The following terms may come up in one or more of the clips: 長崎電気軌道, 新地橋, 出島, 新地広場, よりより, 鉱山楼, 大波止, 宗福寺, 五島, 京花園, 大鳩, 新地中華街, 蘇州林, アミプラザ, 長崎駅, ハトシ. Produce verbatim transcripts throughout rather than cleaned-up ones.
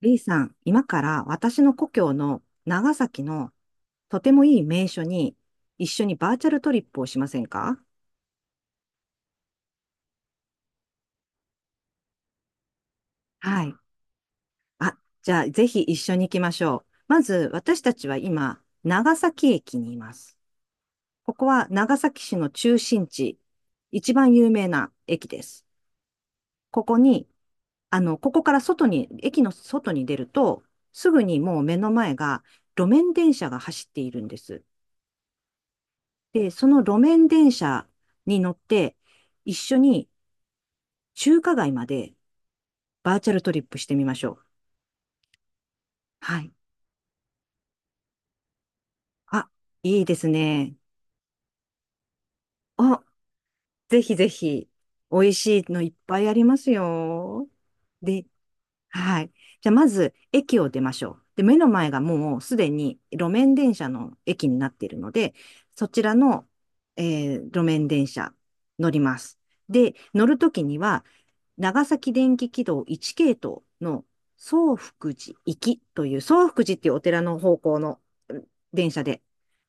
B さん、今から私の故郷の長崎のとてもいい名所に一緒にバーチャルトリップをしませんか？はい。あ、じゃあぜひ一緒に行きましょう。まず私たちは今、長崎駅にいます。ここは長崎市の中心地、一番有名な駅です。ここに、あの、ここから外に、駅の外に出ると、すぐにもう目の前が路面電車が走っているんです。で、その路面電車に乗って、一緒に中華街までバーチャルトリップしてみましょう。はい。あ、いいですね。あ、ぜひぜひ、美味しいのいっぱいありますよ。で、はい。じゃあ、まず、駅を出ましょう。で、目の前がもうすでに路面電車の駅になっているので、そちらの、えー路面電車乗ります。で、乗るときには、長崎電気軌道いち系統の宗福寺行きという、宗福寺っていうお寺の方向の電車で、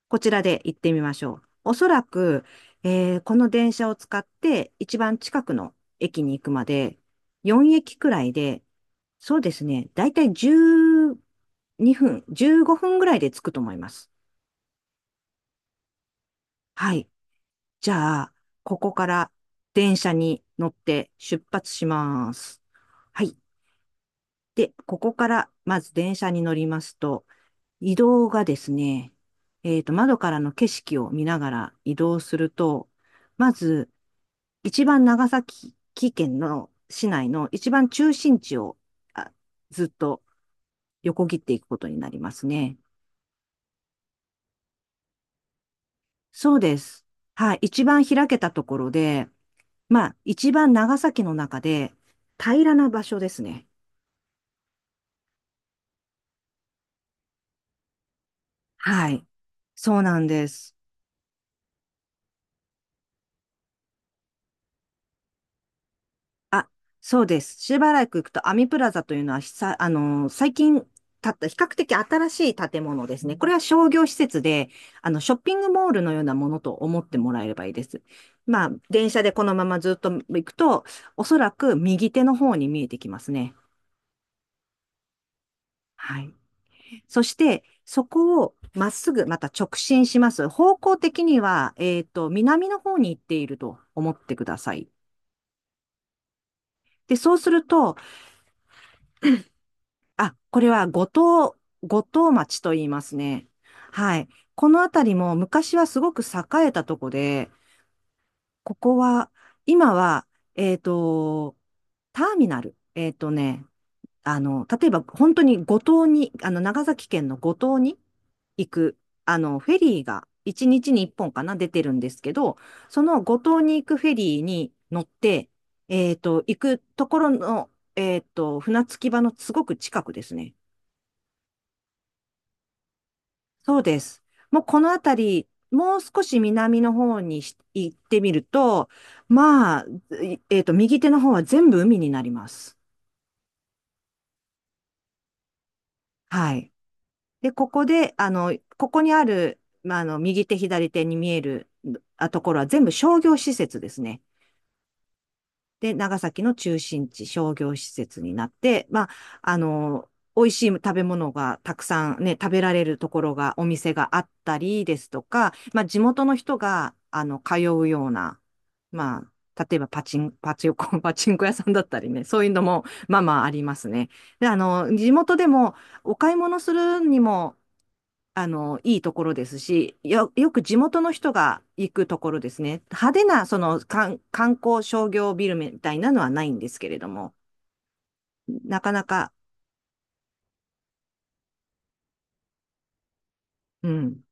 こちらで行ってみましょう。おそらく、えーこの電車を使って一番近くの駅に行くまで、よん駅くらいで、そうですね、だいたいじゅうにふん、じゅうごふんぐらいで着くと思います。はい。じゃあ、ここから電車に乗って出発します。はい。で、ここからまず電車に乗りますと、移動がですね、えっと、窓からの景色を見ながら移動すると、まず、一番長崎県の市内の一番中心地をあずっと横切っていくことになりますね。そうです。はい。一番開けたところで、まあ、一番長崎の中で平らな場所ですね。はい。そうなんです。あ、そうです。しばらく行くと、アミプラザというのは、ひさ、あのー、最近建った、比較的新しい建物ですね。これは商業施設で、あの、ショッピングモールのようなものと思ってもらえればいいです。まあ、電車でこのままずっと行くと、おそらく右手の方に見えてきますね。はい。そして、そこをまっすぐまた直進します。方向的には、えっと、南の方に行っていると思ってください。で、そうすると、あ、これは五島、五島町と言いますね。はい。この辺りも昔はすごく栄えたとこで、ここは、今は、えっと、ターミナル。えっとね、あの、例えば本当に五島に、あの、長崎県の五島に行く、あの、フェリーがいちにちにいっぽんかな、出てるんですけど、その五島に行くフェリーに乗って、えっと、行くところの、えっと、船着き場のすごく近くですね。そうです。もうこの辺り、もう少し南の方にし行ってみると、まあ、いえっと、右手の方は全部海になります。はい。で、ここで、あの、ここにある、まあ、あの、右手、左手に見えるあところは全部商業施設ですね。で、長崎の中心地、商業施設になって、まあ、あの、美味しい食べ物がたくさんね、食べられるところが、お店があったりですとか、まあ、地元の人が、あの、通うような、まあ、例えばパチン、パチンコ、パチンコ屋さんだったりね、そういうのも、まあまあありますね。で、あの、地元でも、お買い物するにも、あの、いいところですし、よ、よく地元の人が行くところですね。派手な、その、観観光商業ビルみたいなのはないんですけれども、なかなか、うん、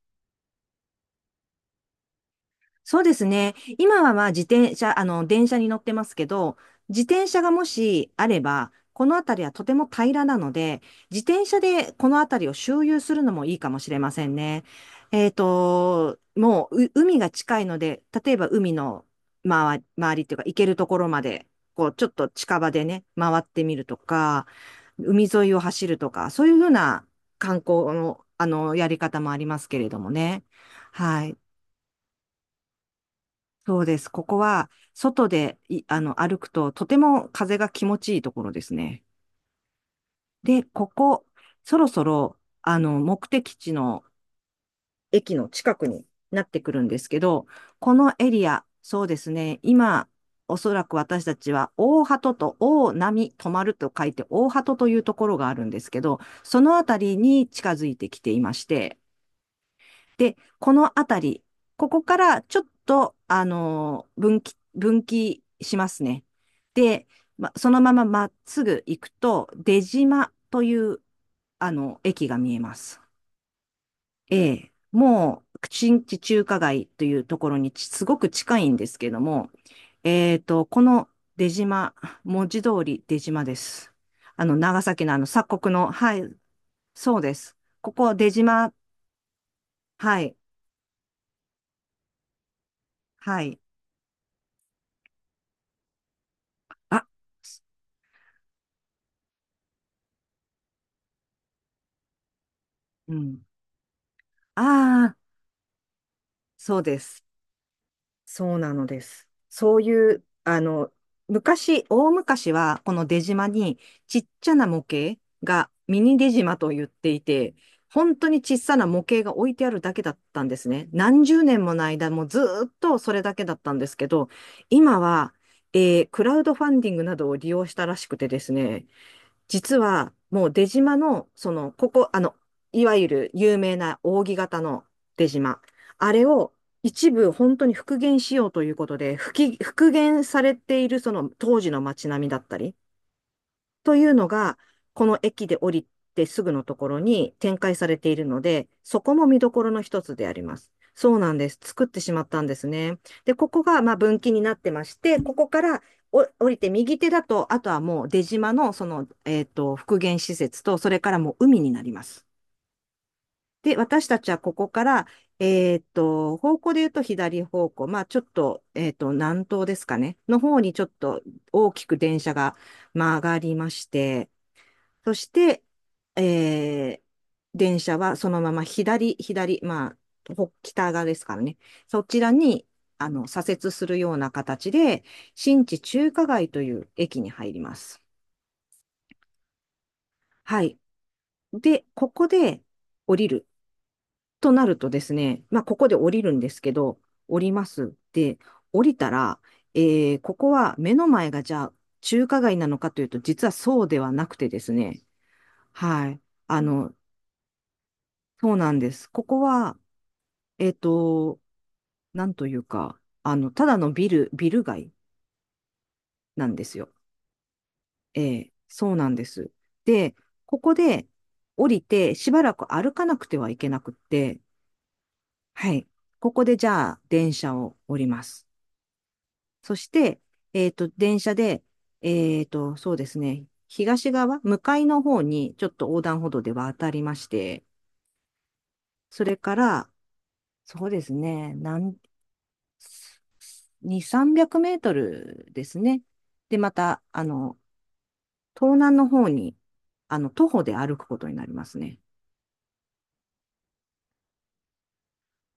そうですね。今はまあ自転車、あの、電車に乗ってますけど、自転車がもしあれば、この辺りはとても平らなので、自転車でこの辺りを周遊するのもいいかもしれませんね。えっと、もう、う海が近いので、例えば海の周り、周りっていうか、行けるところまで、こう、ちょっと近場でね、回ってみるとか、海沿いを走るとか、そういうふうな観光の、あの、やり方もありますけれどもね。はい。そうです。ここは、外でい、あの、歩くと、とても風が気持ちいいところですね。で、ここ、そろそろ、あの、目的地の駅の近くになってくるんですけど、このエリア、そうですね。今、おそらく私たちは、大鳩と大波止まると書いて、大鳩というところがあるんですけど、そのあたりに近づいてきていまして、で、このあたり、ここからちょっと、あのー分岐、分岐しますね。で、ま、そのまままっすぐ行くと、出島という、あの、駅が見えます。ええ、もう、新地中華街というところにちすごく近いんですけども、えっと、この出島、文字通り出島です。あの、長崎のあの、鎖国の、はい、そうです。ここ出島、はい、はい。あ、うん。ああ、そうです。そうなのです。そういう、あの、昔、大昔は、この出島に、ちっちゃな模型がミニ出島と言っていて、本当に小さな模型が置いてあるだけだったんですね。何十年もの間、もうずーっとそれだけだったんですけど、今は、えークラウドファンディングなどを利用したらしくてですね、実は、もう出島の、その、ここ、あの、いわゆる有名な扇形の出島。あれを一部本当に復元しようということで、復帰復元されているその当時の街並みだったり、というのが、この駅で降りてすぐのところに展開されているので、そこも見どころの一つであります。そうなんです。作ってしまったんですね。で、ここがまあ分岐になってまして、ここからお降りて右手だと、あとはもう出島のその、えっと、復元施設と、それからもう海になります。で、私たちはここから、えっと、方向で言うと左方向、まあちょっと、えっと、南東ですかね、の方にちょっと大きく電車が曲がりまして、そして、えー電車はそのまま左、左、まあ、ほ北側ですからね。そちらに、あの、左折するような形で、新地中華街という駅に入ります。はい。で、ここで降りるとなるとですね、まあ、ここで降りるんですけど、降ります。で、降りたら、えーここは目の前がじゃあ中華街なのかというと、実はそうではなくてですね、はい。あの、そうなんです。ここは、えっと、なんというか、あの、ただのビル、ビル街なんですよ。ええ、そうなんです。で、ここで降りて、しばらく歩かなくてはいけなくって、はい。ここでじゃあ、電車を降ります。そして、えっと、電車で、えっと、そうですね、東側、向かいの方に、ちょっと横断歩道で渡りまして、それから、そうですね、なん、に、さんびゃくメートルですね。で、また、あの、東南の方に、あの、徒歩で歩くことになりますね。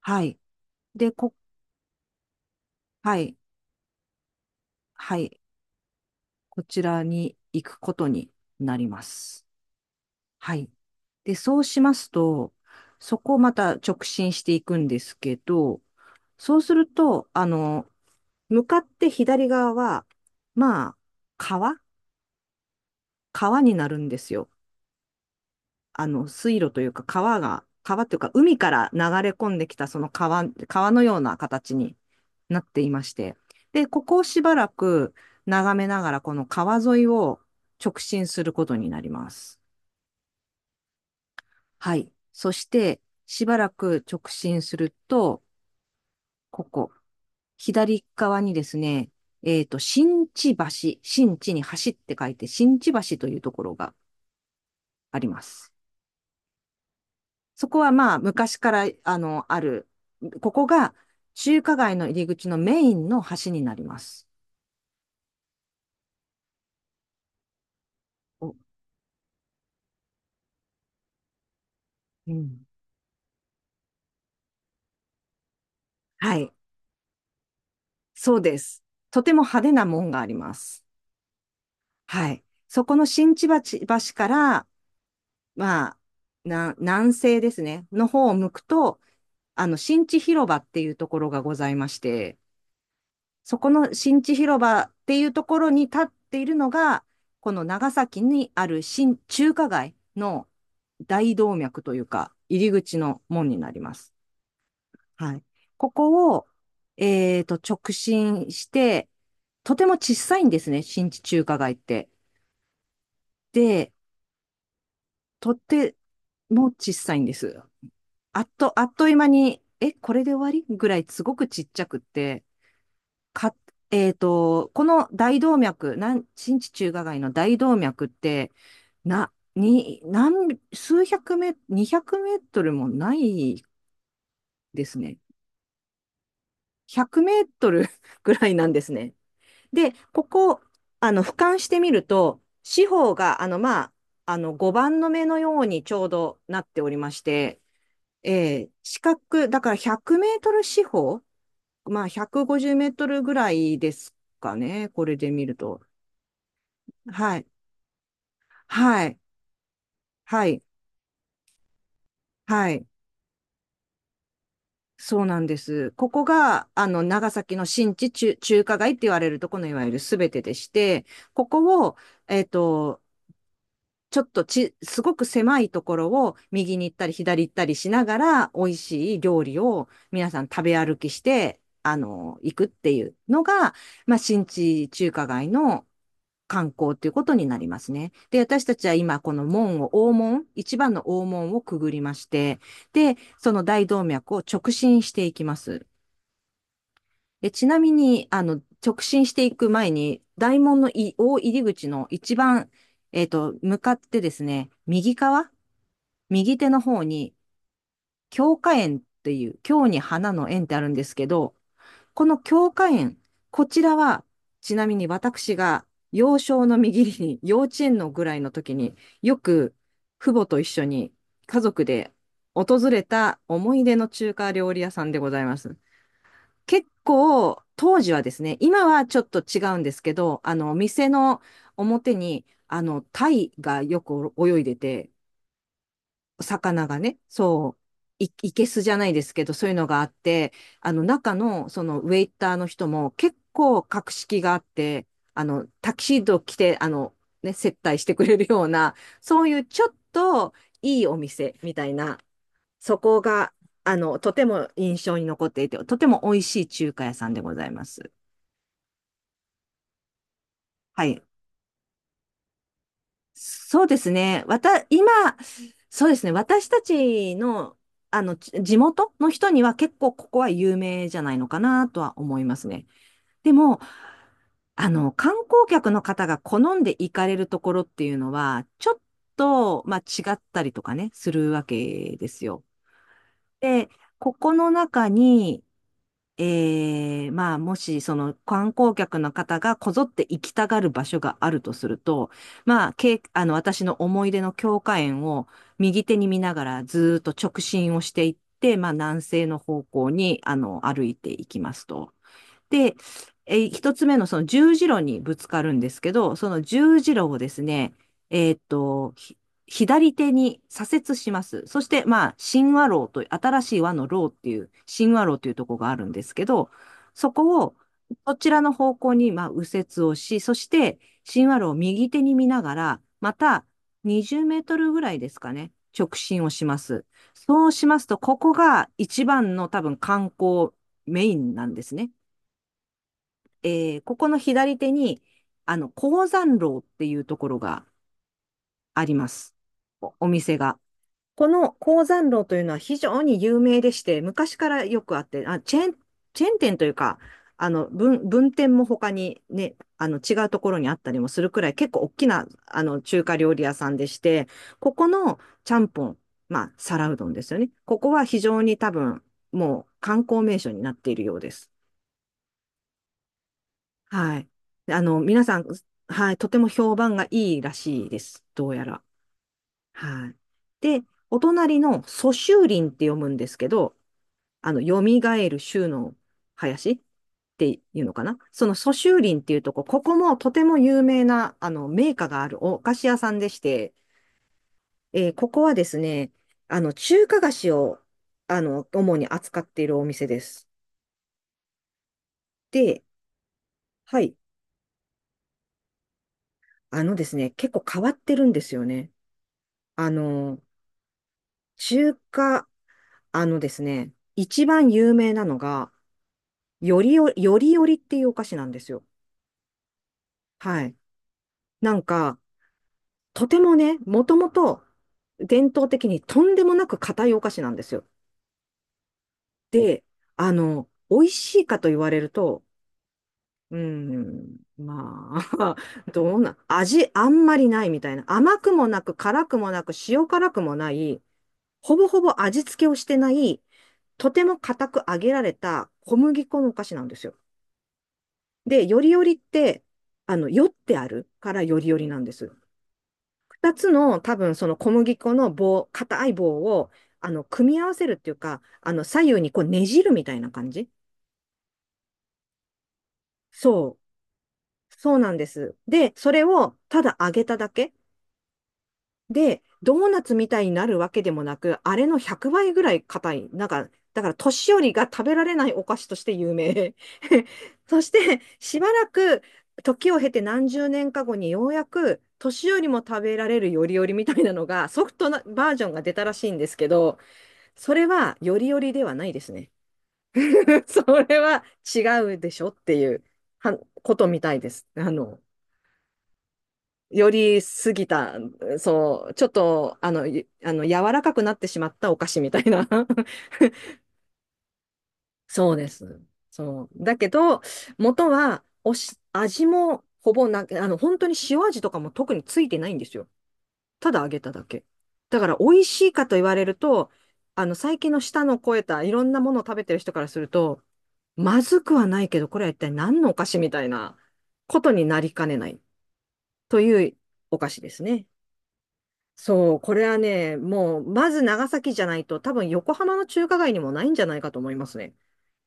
はい。で、こ、はい、はい。こちらに行くことになります。はい。で、そうしますと、そこをまた直進していくんですけど、そうすると、あの、向かって左側は、まあ、川川になるんですよ。あの、水路というか川が、川というか海から流れ込んできたその川、川のような形になっていまして。で、ここをしばらく眺めながらこの川沿いを直進することになります。はい。そして、しばらく直進すると、ここ、左側にですね、えっと、新地橋、新地に走って書いて、新地橋というところがあります。そこはまあ昔からあのある、ここが中華街の入り口のメインの橋になります。お、うん。はい、そうです。とても派手な門があります。はい。そこの新千葉ち橋から、まあ、な南西ですね、の方を向くと、あの、新地広場っていうところがございまして、そこの新地広場っていうところに立っているのが、この長崎にある新中華街の大動脈というか、入り口の門になります。はい。ここを、えっと、直進して、とても小さいんですね、新地中華街って。で、とても小さいんです。あっと、あっという間に、え、これで終わりぐらいすごくちっちゃくって、か、えっと、この大動脈、なん新地中華街の大動脈って、な、に、何、数百メ、にひゃくメートルもないですね。ひゃくメートル ぐらいなんですね。で、ここ、あの、俯瞰してみると、四方が、あの、まあ、あの、ごばんの目のようにちょうどなっておりまして、えー四角、だからひゃくメートル四方、まあ、ひゃくごじゅうメートルぐらいですかね、これで見ると。はい。はい、はい、はい。そうなんです。ここが、あの、長崎の新地中、中華街って言われるとこのいわゆるすべてでして、ここを、えっと、ちょっとち、すごく狭いところを右に行ったり左行ったりしながら、美味しい料理を皆さん食べ歩きして、あの、行くっていうのが、まあ、新地中華街の観光ということになりますね。で、私たちは今、この門を、大門、一番の大門をくぐりまして、で、その大動脈を直進していきます。で、ちなみに、あの、直進していく前に、大門のい大入り口の一番、えっと、向かってですね、右側、右手の方に、京花園っていう、京に花の園ってあるんですけど、この京花園、こちらは、ちなみに私が幼少の右に、幼稚園のぐらいの時によく父母と一緒に家族で訪れた思い出の中華料理屋さんでございます。結構、当時はですね、今はちょっと違うんですけど、あの、店の表に、あの、タイがよく泳いでて、魚がね、そう、い、いけすじゃないですけど、そういうのがあって、あの、中の、その、ウェイターの人も結構格式があって、あの、タキシード着て、あの、ね、接待してくれるような、そういうちょっといいお店みたいな、そこが、あの、とても印象に残っていて、とても美味しい中華屋さんでございます。はい。そうですね。わた、今、そうですね。私たちの、あの、ち地元の人には結構ここは有名じゃないのかなとは思いますね。でも、あの、観光客の方が好んで行かれるところっていうのは、ちょっと、まあ、違ったりとかね、するわけですよ。で、ここの中に、ええまあ、もし、その観光客の方がこぞって行きたがる場所があるとすると、まあ、けい、あの、私の思い出の教科園を右手に見ながらずーっと直進をしていって、まあ、南西の方向に、あの、歩いていきますと。で、えー一つ目のその十字路にぶつかるんですけど、その十字路をですね、えーっと、ひ左手に左折します。そして、まあ、新和路という、新しい和の路っていう、新和路というところがあるんですけど、そこを、そちらの方向に、まあ、右折をし、そして、新和路を右手に見ながら、また、にじゅうメートルぐらいですかね、直進をします。そうしますと、ここが一番の多分観光メインなんですね。えーここの左手に、あの、鉱山楼っていうところがあります。お、お店が。この鉱山楼というのは非常に有名でして、昔からよくあって、あ、チェーン、チェーン店というか、あの、分、分店も他にね、あの、違うところにあったりもするくらい、結構大きな、あの、中華料理屋さんでして、ここのちゃんぽん、まあ、皿うどんですよね。ここは非常に多分、もう観光名所になっているようです。はい。あの、皆さん、はい、とても評判がいいらしいです。どうやら。はい。で、お隣の蘇州林って読むんですけど、あの、蘇る州の林っていうのかな。その蘇州林っていうとこ、ここもとても有名な、あの、名家があるお菓子屋さんでして、えーここはですね、あの、中華菓子を、あの、主に扱っているお店です。で、はい。あのですね、結構変わってるんですよね。あの、中華、あのですね、一番有名なのが、よりよ、よりよりっていうお菓子なんですよ。はい。なんか、とてもね、もともと伝統的にとんでもなく硬いお菓子なんですよ。で、あの、美味しいかと言われると、うーん、まあ、どうな、味あんまりないみたいな。甘くもなく、辛くもなく、塩辛くもない、ほぼほぼ味付けをしてない、とても硬く揚げられた小麦粉のお菓子なんですよ。で、よりよりって、あの、よってあるからよりよりなんです。二つの多分その小麦粉の棒、硬い棒を、あの、組み合わせるっていうか、あの、左右にこうねじるみたいな感じそう。そうなんです。で、それをただ揚げただけで、ドーナツみたいになるわけでもなく、あれのひゃくばいぐらい硬い。なんか、だから年寄りが食べられないお菓子として有名。そして、しばらく時を経て何十年か後にようやく年寄りも食べられるよりよりみたいなのがソフトなバージョンが出たらしいんですけど、それはよりよりではないですね。それは違うでしょっていうはことみたいです。あの、より過ぎた、そう、ちょっと、あの、ゆあの、柔らかくなってしまったお菓子みたいな。そうです。そう。だけど、元は、おし、味もほぼな、あの、本当に塩味とかも特についてないんですよ。ただ揚げただけ。だから、美味しいかと言われると、あの、最近の舌の肥えたいろんなものを食べてる人からすると、まずくはないけど、これは一体何のお菓子みたいなことになりかねないというお菓子ですね。そう、これはね、もう、まず長崎じゃないと、多分横浜の中華街にもないんじゃないかと思いますね。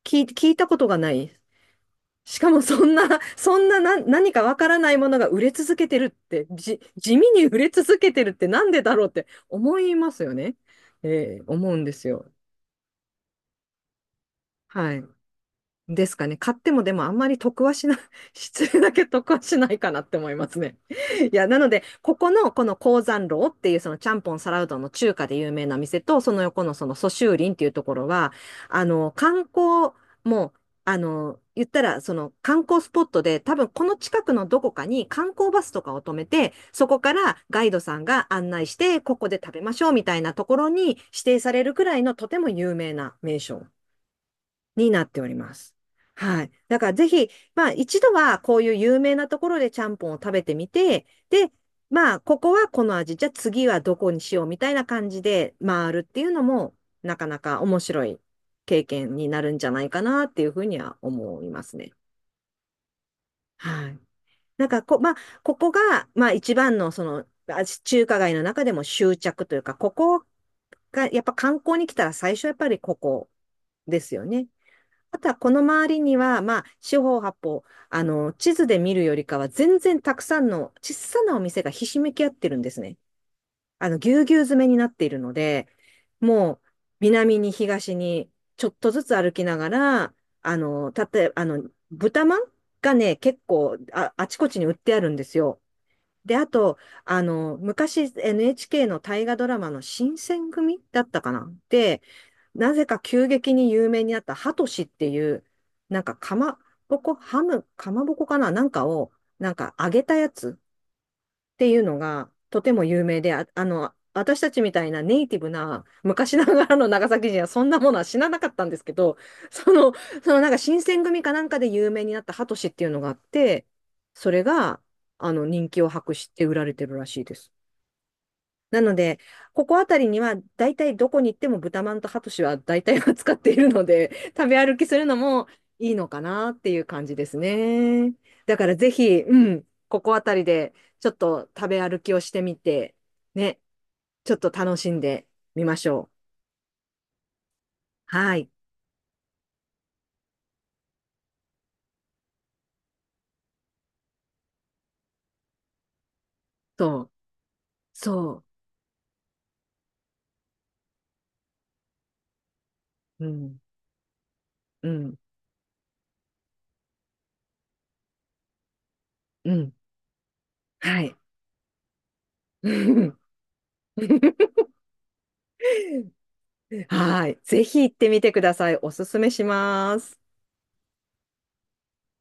聞い、聞いたことがない。しかもそんな、そんな、な、何かわからないものが売れ続けてるって、じ、地味に売れ続けてるってなんでだろうって思いますよね。えー思うんですよ。はい。ですかね。買ってもでもあんまり得はしない、失礼だけ得はしないかなって思いますね。いや、なので、ここの、この江山楼っていうそのちゃんぽんサラうどんの中華で有名な店と、その横のその蘇州林っていうところは、あの、観光も、あの、言ったらその観光スポットで、多分この近くのどこかに観光バスとかを止めて、そこからガイドさんが案内して、ここで食べましょうみたいなところに指定されるくらいのとても有名な名所になっております。はい。だからぜひ、まあ一度はこういう有名なところでちゃんぽんを食べてみて、で、まあここはこの味、じゃあ次はどこにしようみたいな感じで回るっていうのも、なかなか面白い経験になるんじゃないかなっていうふうには思いますね。はい。なんかこ、まあ、ここが、まあ一番のその、あ中華街の中でも執着というか、ここがやっぱ観光に来たら最初やっぱりここですよね。あとはこの周りには、まあ、四方八方、あの、地図で見るよりかは全然たくさんの小さなお店がひしめき合ってるんですね。あの、ぎゅうぎゅう詰めになっているので、もう、南に東にちょっとずつ歩きながら、あの、たとえあの、豚まんがね、結構あ、あちこちに売ってあるんですよ。で、あと、あの、昔 エヌエイチケー の大河ドラマの新選組だったかなで、なぜか急激に有名になったハトシっていう、なんかかまぼこ、ハム、かまぼこかななんかを、なんか揚げたやつっていうのがとても有名で、あ、あの、私たちみたいなネイティブな昔ながらの長崎人はそんなものは知らなかったんですけど、その、そのなんか新選組かなんかで有名になったハトシっていうのがあって、それがあの人気を博して売られてるらしいです。なので、ここあたりには、だいたいどこに行っても豚まんとハトシは大体は使っているので、食べ歩きするのもいいのかなっていう感じですね。だからぜひ、うん、ここあたりでちょっと食べ歩きをしてみて、ね、ちょっと楽しんでみましょう。はい。と、そう、うん、うん、うん、はい。はい。ぜひ行ってみてください。おすすめします。